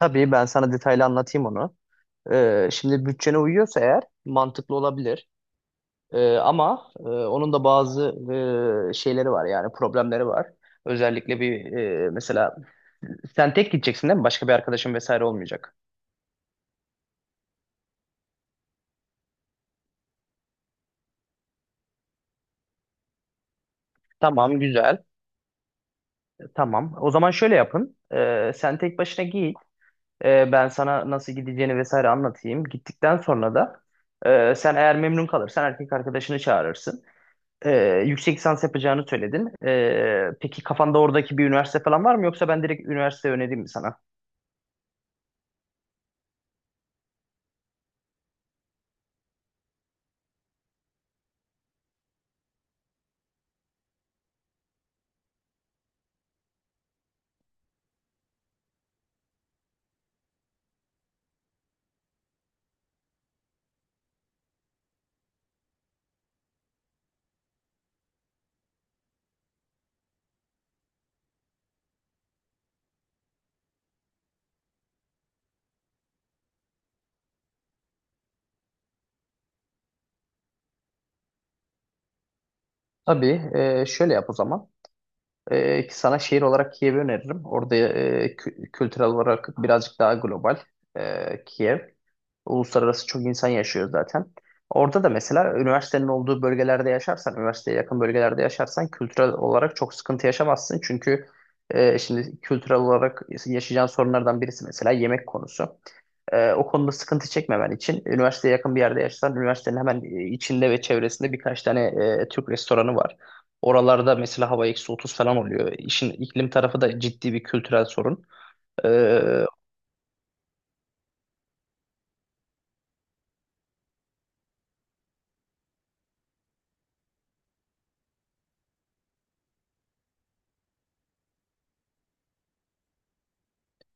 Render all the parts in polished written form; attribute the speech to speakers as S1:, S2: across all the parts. S1: Tabii ben sana detaylı anlatayım onu. Şimdi bütçene uyuyorsa eğer mantıklı olabilir. Ama onun da bazı şeyleri var, yani problemleri var. Özellikle bir mesela, sen tek gideceksin değil mi? Başka bir arkadaşın vesaire olmayacak. Tamam, güzel. Tamam. O zaman şöyle yapın. Sen tek başına git. Ben sana nasıl gideceğini vesaire anlatayım. Gittikten sonra da sen eğer memnun kalırsan erkek arkadaşını çağırırsın. Yüksek lisans yapacağını söyledin. Peki kafanda oradaki bir üniversite falan var mı, yoksa ben direkt üniversite önereyim mi sana? Tabii, şöyle yap o zaman. Ki sana şehir olarak Kiev'i öneririm. Orada kültürel olarak birazcık daha global, Kiev. Uluslararası çok insan yaşıyor zaten. Orada da mesela üniversitenin olduğu bölgelerde yaşarsan, üniversiteye yakın bölgelerde yaşarsan kültürel olarak çok sıkıntı yaşamazsın. Çünkü şimdi kültürel olarak yaşayacağın sorunlardan birisi mesela yemek konusu. O konuda sıkıntı çekmemen için üniversiteye yakın bir yerde yaşasan, üniversitenin hemen içinde ve çevresinde birkaç tane Türk restoranı var. Oralarda mesela hava eksi 30 falan oluyor. İşin iklim tarafı da ciddi bir kültürel sorun. E,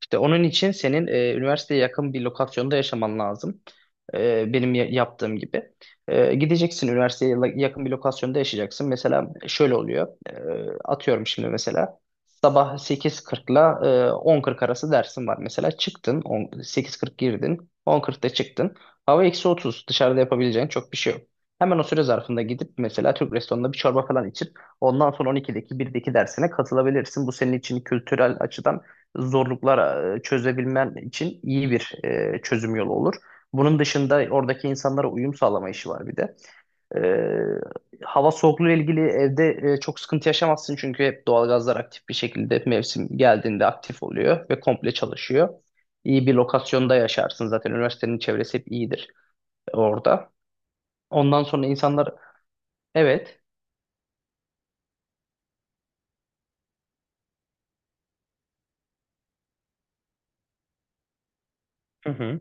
S1: İşte onun için senin üniversiteye yakın bir lokasyonda yaşaman lazım. Benim yaptığım gibi. Gideceksin üniversiteye yakın bir lokasyonda yaşayacaksın. Mesela şöyle oluyor. Atıyorum şimdi mesela. Sabah 8.40'la 10.40 arası dersin var. Mesela çıktın, 10, 8.40 girdin, 10.40'da çıktın. Hava eksi 30. Dışarıda yapabileceğin çok bir şey yok. Hemen o süre zarfında gidip mesela Türk restoranında bir çorba falan içip ondan sonra 12'deki 1'deki dersine katılabilirsin. Bu senin için kültürel açıdan zorluklar çözebilmen için iyi bir çözüm yolu olur. Bunun dışında oradaki insanlara uyum sağlama işi var bir de. E, hava soğukluğu ile ilgili evde çok sıkıntı yaşamazsın çünkü hep doğalgazlar aktif bir şekilde mevsim geldiğinde aktif oluyor ve komple çalışıyor. İyi bir lokasyonda yaşarsın, zaten üniversitenin çevresi hep iyidir orada. Ondan sonra insanlar, evet. Hı hı.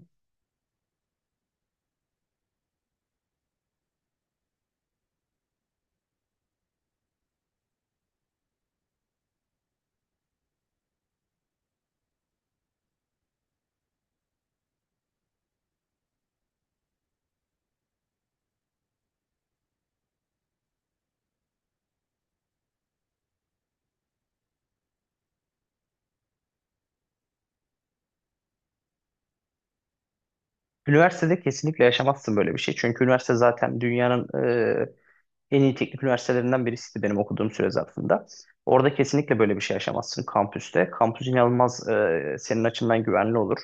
S1: Üniversitede kesinlikle yaşamazsın böyle bir şey. Çünkü üniversite zaten dünyanın e, en iyi teknik üniversitelerinden birisiydi benim okuduğum süre zarfında. Orada kesinlikle böyle bir şey yaşamazsın kampüste. Kampüs inanılmaz, senin açından güvenli olur.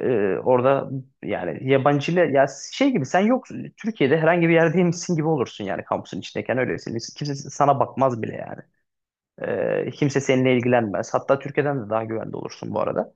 S1: E, orada yani yabancıyla ya şey gibi sen, yok, Türkiye'de herhangi bir yerdeymişsin gibi olursun yani kampüsün içindeyken öylesin. Kimse sana bakmaz bile yani. Kimse seninle ilgilenmez. Hatta Türkiye'den de daha güvende olursun bu arada.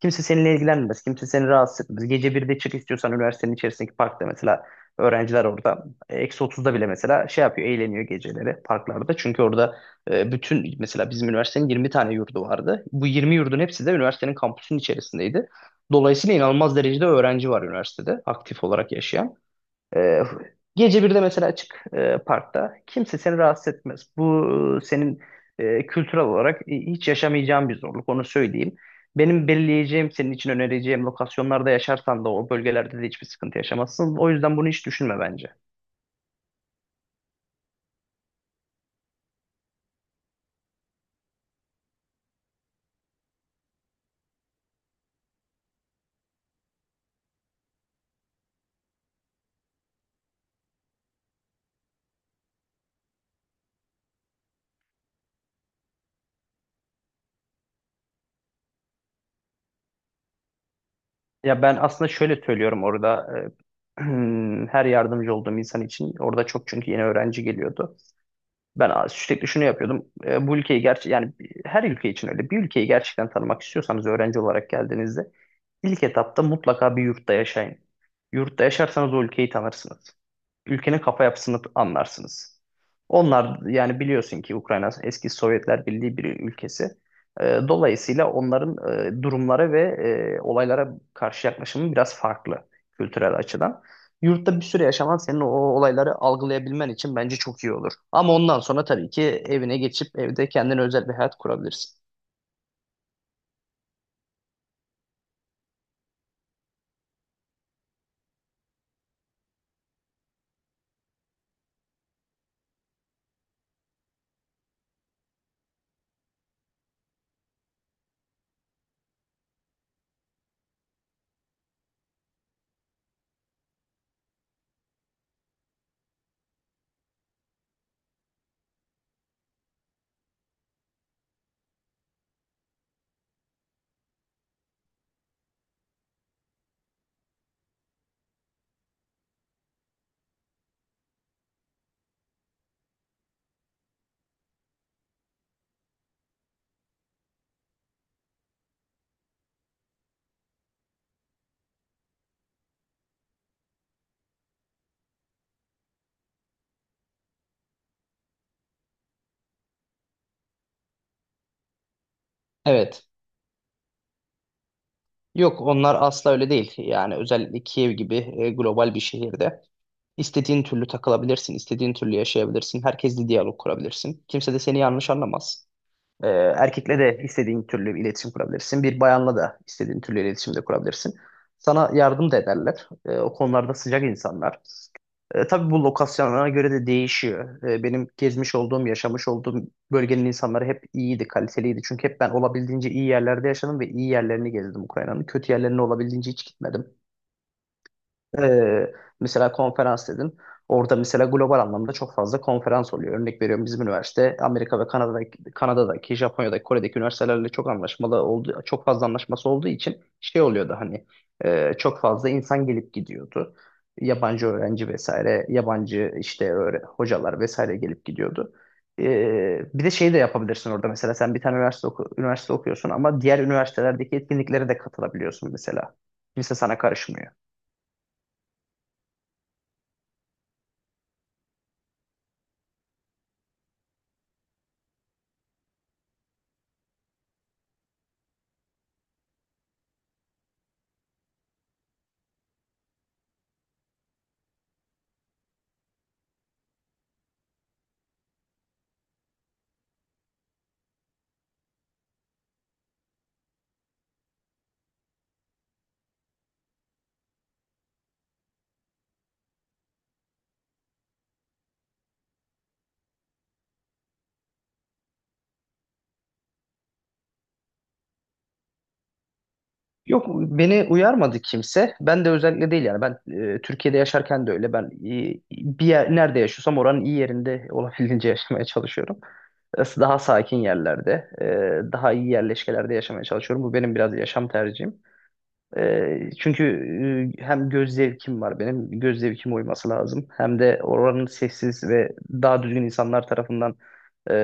S1: Kimse seninle ilgilenmez. Kimse seni rahatsız etmez. Gece 1'de çık istiyorsan üniversitenin içerisindeki parkta, mesela öğrenciler orada. Eksi otuzda bile mesela şey yapıyor. Eğleniyor geceleri parklarda. Çünkü orada bütün, mesela bizim üniversitenin 20 tane yurdu vardı. Bu 20 yurdun hepsi de üniversitenin kampüsünün içerisindeydi. Dolayısıyla inanılmaz derecede öğrenci var üniversitede aktif olarak yaşayan. Ee, gece bir de mesela çık, parkta. Kimse seni rahatsız etmez. Bu senin, kültürel olarak hiç yaşamayacağın bir zorluk, onu söyleyeyim. Benim belirleyeceğim, senin için önereceğim lokasyonlarda yaşarsan da o bölgelerde de hiçbir sıkıntı yaşamazsın. O yüzden bunu hiç düşünme bence. Ya ben aslında şöyle söylüyorum orada, e, her yardımcı olduğum insan için orada çok, çünkü yeni öğrenci geliyordu. Ben sürekli şunu yapıyordum. Bu ülkeyi, gerçi yani her ülke için öyle. Bir ülkeyi gerçekten tanımak istiyorsanız, öğrenci olarak geldiğinizde İlk etapta mutlaka bir yurtta yaşayın. Yurtta yaşarsanız o ülkeyi tanırsınız. Ülkenin kafa yapısını anlarsınız. Onlar, yani biliyorsun ki Ukrayna eski Sovyetler Birliği bir ülkesi. Dolayısıyla onların durumlara ve olaylara karşı yaklaşımı biraz farklı kültürel açıdan. Yurtta bir süre yaşaman, senin o olayları algılayabilmen için bence çok iyi olur. Ama ondan sonra tabii ki evine geçip evde kendine özel bir hayat kurabilirsin. Evet. Yok, onlar asla öyle değil. Yani özellikle Kiev gibi global bir şehirde istediğin türlü takılabilirsin, istediğin türlü yaşayabilirsin. Herkesle diyalog kurabilirsin. Kimse de seni yanlış anlamaz. Erkekle de istediğin türlü iletişim kurabilirsin. Bir bayanla da istediğin türlü iletişim de kurabilirsin. Sana yardım da ederler. O konularda sıcak insanlar. Tabii bu lokasyonlara göre de değişiyor. Benim gezmiş olduğum, yaşamış olduğum bölgenin insanları hep iyiydi, kaliteliydi. Çünkü hep ben olabildiğince iyi yerlerde yaşadım ve iyi yerlerini gezdim Ukrayna'nın. Kötü yerlerine olabildiğince hiç gitmedim. Ee, mesela konferans dedin. Orada mesela global anlamda çok fazla konferans oluyor. Örnek veriyorum, bizim üniversite Amerika ve Kanada'daki, Japonya'daki, Kore'deki üniversitelerle çok anlaşmalı olduğu, çok fazla anlaşması olduğu için şey oluyordu, hani çok fazla insan gelip gidiyordu. Yabancı öğrenci vesaire, yabancı işte hocalar vesaire gelip gidiyordu. Bir de şeyi de yapabilirsin orada mesela, sen bir tane üniversite, üniversite okuyorsun ama diğer üniversitelerdeki etkinliklere de katılabiliyorsun mesela. Kimse sana karışmıyor. Yok, beni uyarmadı kimse. Ben de özellikle değil yani. Ben Türkiye'de yaşarken de öyle. Ben bir yer, nerede yaşıyorsam oranın iyi yerinde olabildiğince yaşamaya çalışıyorum. Daha sakin yerlerde, daha iyi yerleşkelerde yaşamaya çalışıyorum. Bu benim biraz yaşam tercihim. Çünkü hem göz zevkim var benim, göz zevkime uyması lazım. Hem de oranın sessiz ve daha düzgün insanlar tarafından e,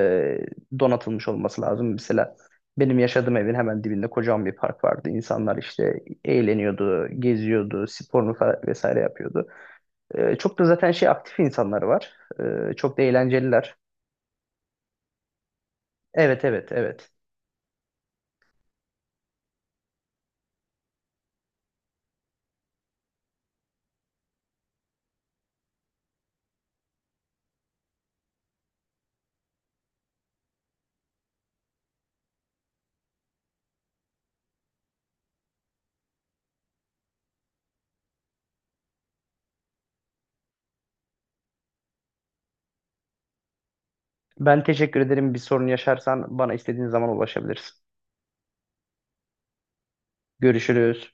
S1: donatılmış olması lazım. Mesela benim yaşadığım evin hemen dibinde kocaman bir park vardı. İnsanlar işte eğleniyordu, geziyordu, sporunu vesaire yapıyordu. Çok da zaten şey aktif insanlar var. Çok da eğlenceliler. Evet, evet, evet. Ben teşekkür ederim. Bir sorun yaşarsan bana istediğin zaman ulaşabilirsin. Görüşürüz.